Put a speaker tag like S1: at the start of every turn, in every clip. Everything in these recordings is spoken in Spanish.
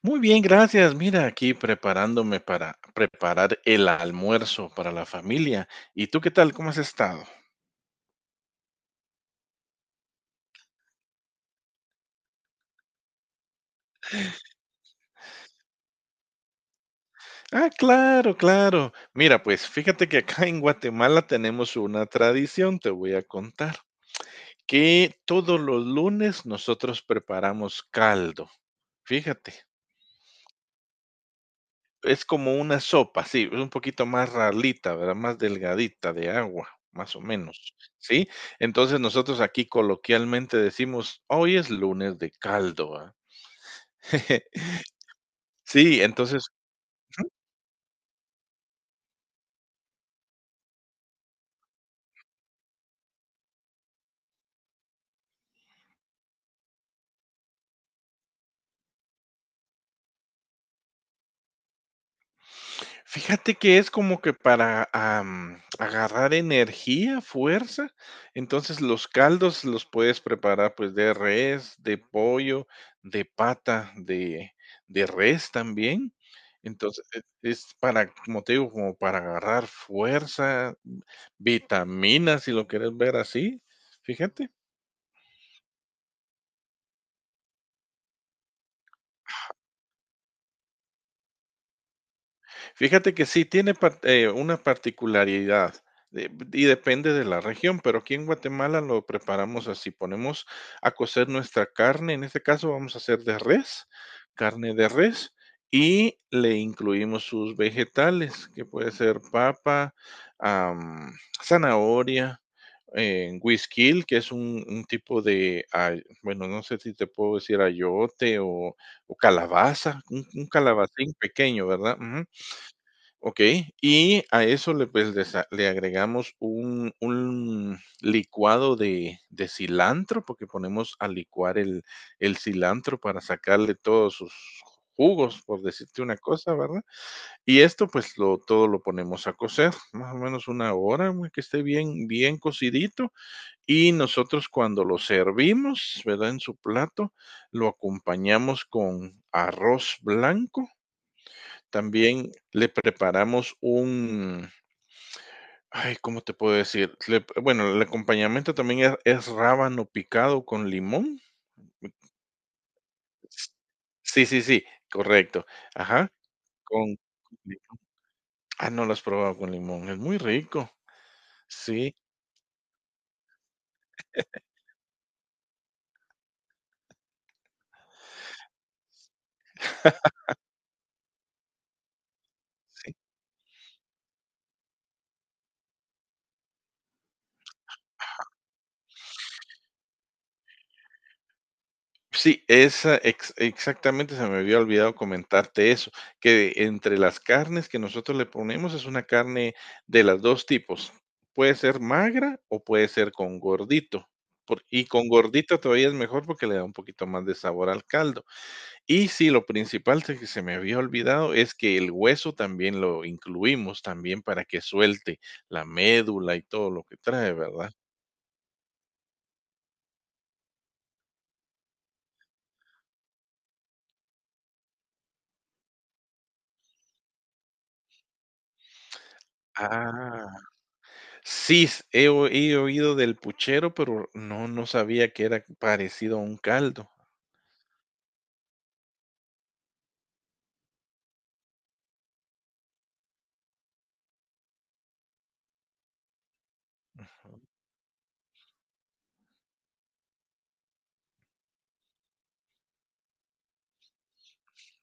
S1: Muy bien, gracias. Mira, aquí preparándome para preparar el almuerzo para la familia. ¿Y tú qué tal? ¿Cómo has estado? Ah, claro, claro. Mira, pues fíjate que acá en Guatemala tenemos una tradición, te voy a contar, que todos los lunes nosotros preparamos caldo. Fíjate. Es como una sopa, sí, es un poquito más ralita, ¿verdad? Más delgadita de agua, más o menos, ¿sí? Entonces nosotros aquí coloquialmente decimos, hoy es lunes de caldo, ¿ah? Sí, entonces fíjate que es como que para, agarrar energía, fuerza. Entonces, los caldos los puedes preparar, pues, de res, de pollo, de pata, de res también. Entonces, es para, como te digo, como para agarrar fuerza, vitaminas, si lo quieres ver así, fíjate. Fíjate que sí tiene par una particularidad, de y depende de la región, pero aquí en Guatemala lo preparamos así, ponemos a cocer nuestra carne, en este caso vamos a hacer de res, carne de res, y le incluimos sus vegetales, que puede ser papa, am, zanahoria, güisquil, que es un tipo de, ay, bueno, no sé si te puedo decir ayote o calabaza, un calabacín pequeño, ¿verdad? Ujú. Ok, y a eso le, pues, le agregamos un licuado de cilantro, porque ponemos a licuar el cilantro para sacarle todos sus jugos, por decirte una cosa, ¿verdad? Y esto, pues, lo todo lo ponemos a cocer, más o menos una hora, güey, que esté bien cocidito, y nosotros cuando lo servimos, ¿verdad?, en su plato, lo acompañamos con arroz blanco, también le preparamos un, ay, ¿cómo te puedo decir? Bueno, el acompañamiento también es rábano picado con limón. S- Sí, sí, sí, correcto. Ajá, con, ah, no lo has probado con limón, es muy rico. Sí, sí. Sí, esa ex exactamente se me había olvidado comentarte eso, que entre las carnes que nosotros le ponemos es una carne de las 2 tipos, puede ser magra o puede ser con gordito, por y con gordito todavía es mejor porque le da un poquito más de sabor al caldo. Y sí, lo principal se que se me había olvidado es que el hueso también lo incluimos, también para que suelte la médula y todo lo que trae, ¿verdad? Ah. Sí, he oído del puchero, pero no, no sabía que era parecido a un caldo.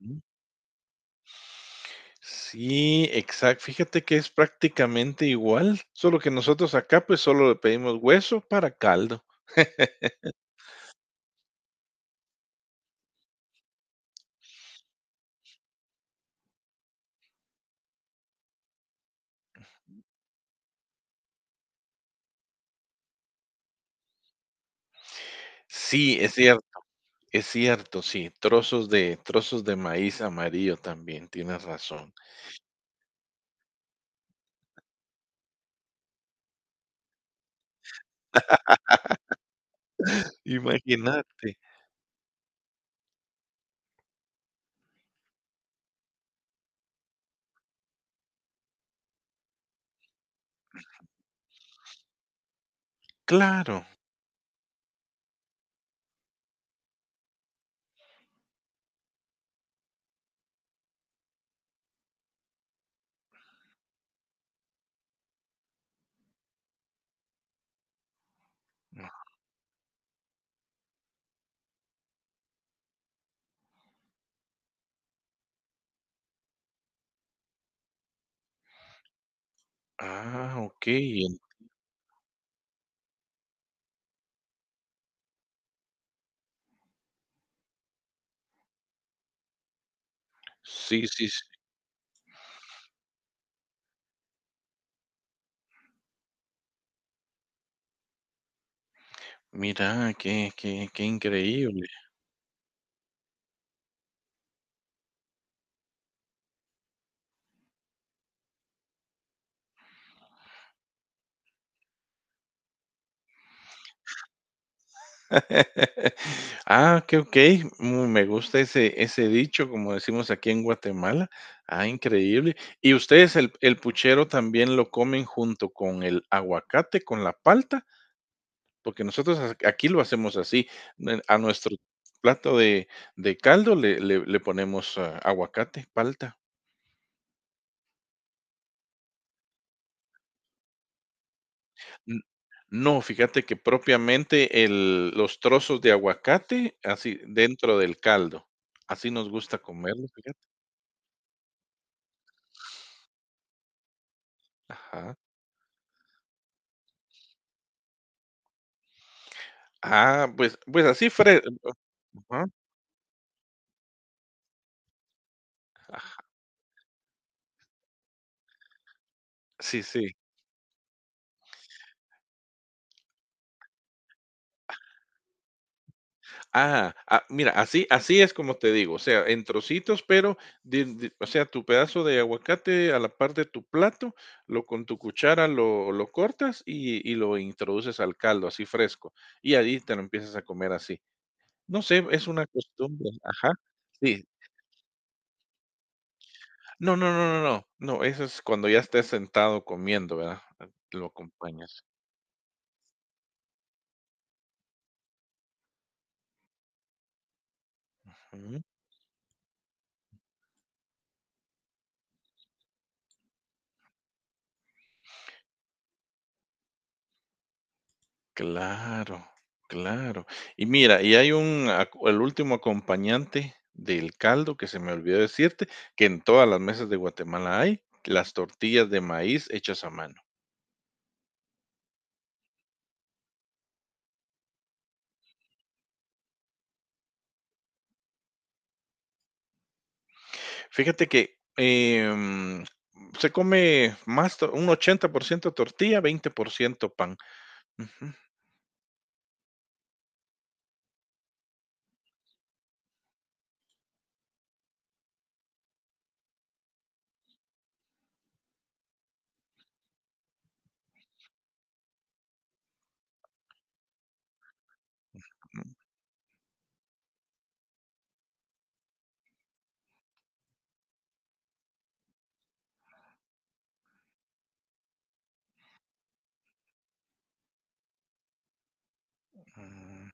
S1: Ujú. Sí, exacto. Fíjate que es prácticamente igual, solo que nosotros acá pues solo le pedimos hueso para caldo. Sí, es cierto, sí, trozos de maíz amarillo también, tienes razón. Imagínate, claro. Ah, ok. Sí, sí, sí. Mira, qué increíble. Ah, okey, okey. Mm, me gusta ese dicho, como decimos aquí en Guatemala. Ah, increíble. ¿Y ustedes el puchero también lo comen junto con el aguacate, con la palta? Porque nosotros ac aquí lo hacemos así, n a nuestro plato de caldo le ponemos, ah, aguacate, palta. N No, fíjate que propiamente el los trozos de aguacate así dentro del caldo. Así nos gusta comerlo, fíjate. Ajá. Ah, pues pues así fre ajá, ah, sí, sí. Ah, ah, mira, así así es como te digo, o sea, en trocitos, pero de o sea, tu pedazo de aguacate a la par de tu plato, lo con tu cuchara lo cortas y lo introduces al caldo, así fresco, y ahí te lo empiezas a comer así. No sé, es una costumbre, ajá, sí. No, no, no, no, no, no, eso es cuando ya estés sentado comiendo, ¿verdad? Lo acompañas. Mm. Claro, claro. Y mira, y hay un aco el último acompañante del caldo que se me olvidó decirte, que en todas las mesas de Guatemala hay, las tortillas de maíz hechas a mano. Fíjate que, se come más to un 80% tortilla, 20% pan. Ujú. Mm,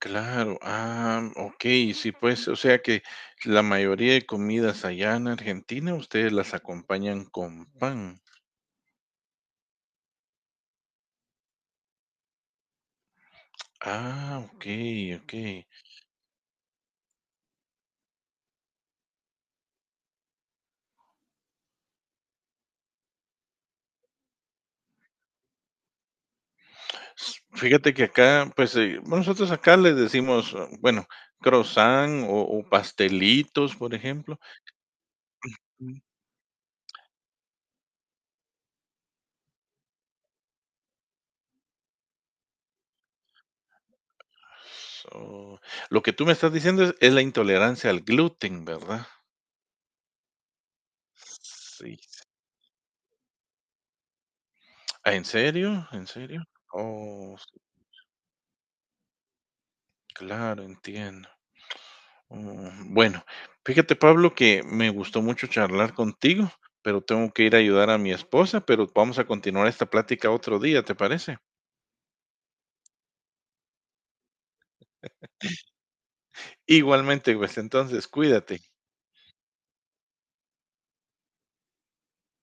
S1: claro. Ah, okey, sí, pues, o sea que la mayoría de comidas allá en Argentina, ustedes las acompañan con pan. Ah, okey, okey. S Fíjate que acá, pues, bueno, nosotros acá le decimos, ah, bueno, croissant o pastelitos, por ejemplo. Mm. So, lo que tú me estás diciendo es la intolerancia al gluten, ¿verdad? Sí. Ah, ¿en serio? ¿En serio? Oh, sí, claro, entiendo. Mm, bueno, fíjate, Pablo, que me gustó mucho charlar contigo, pero tengo que ir a ayudar a mi esposa, pero vamos a continuar esta plática otro día, ¿te parece? Igualmente, pues entonces cuídate.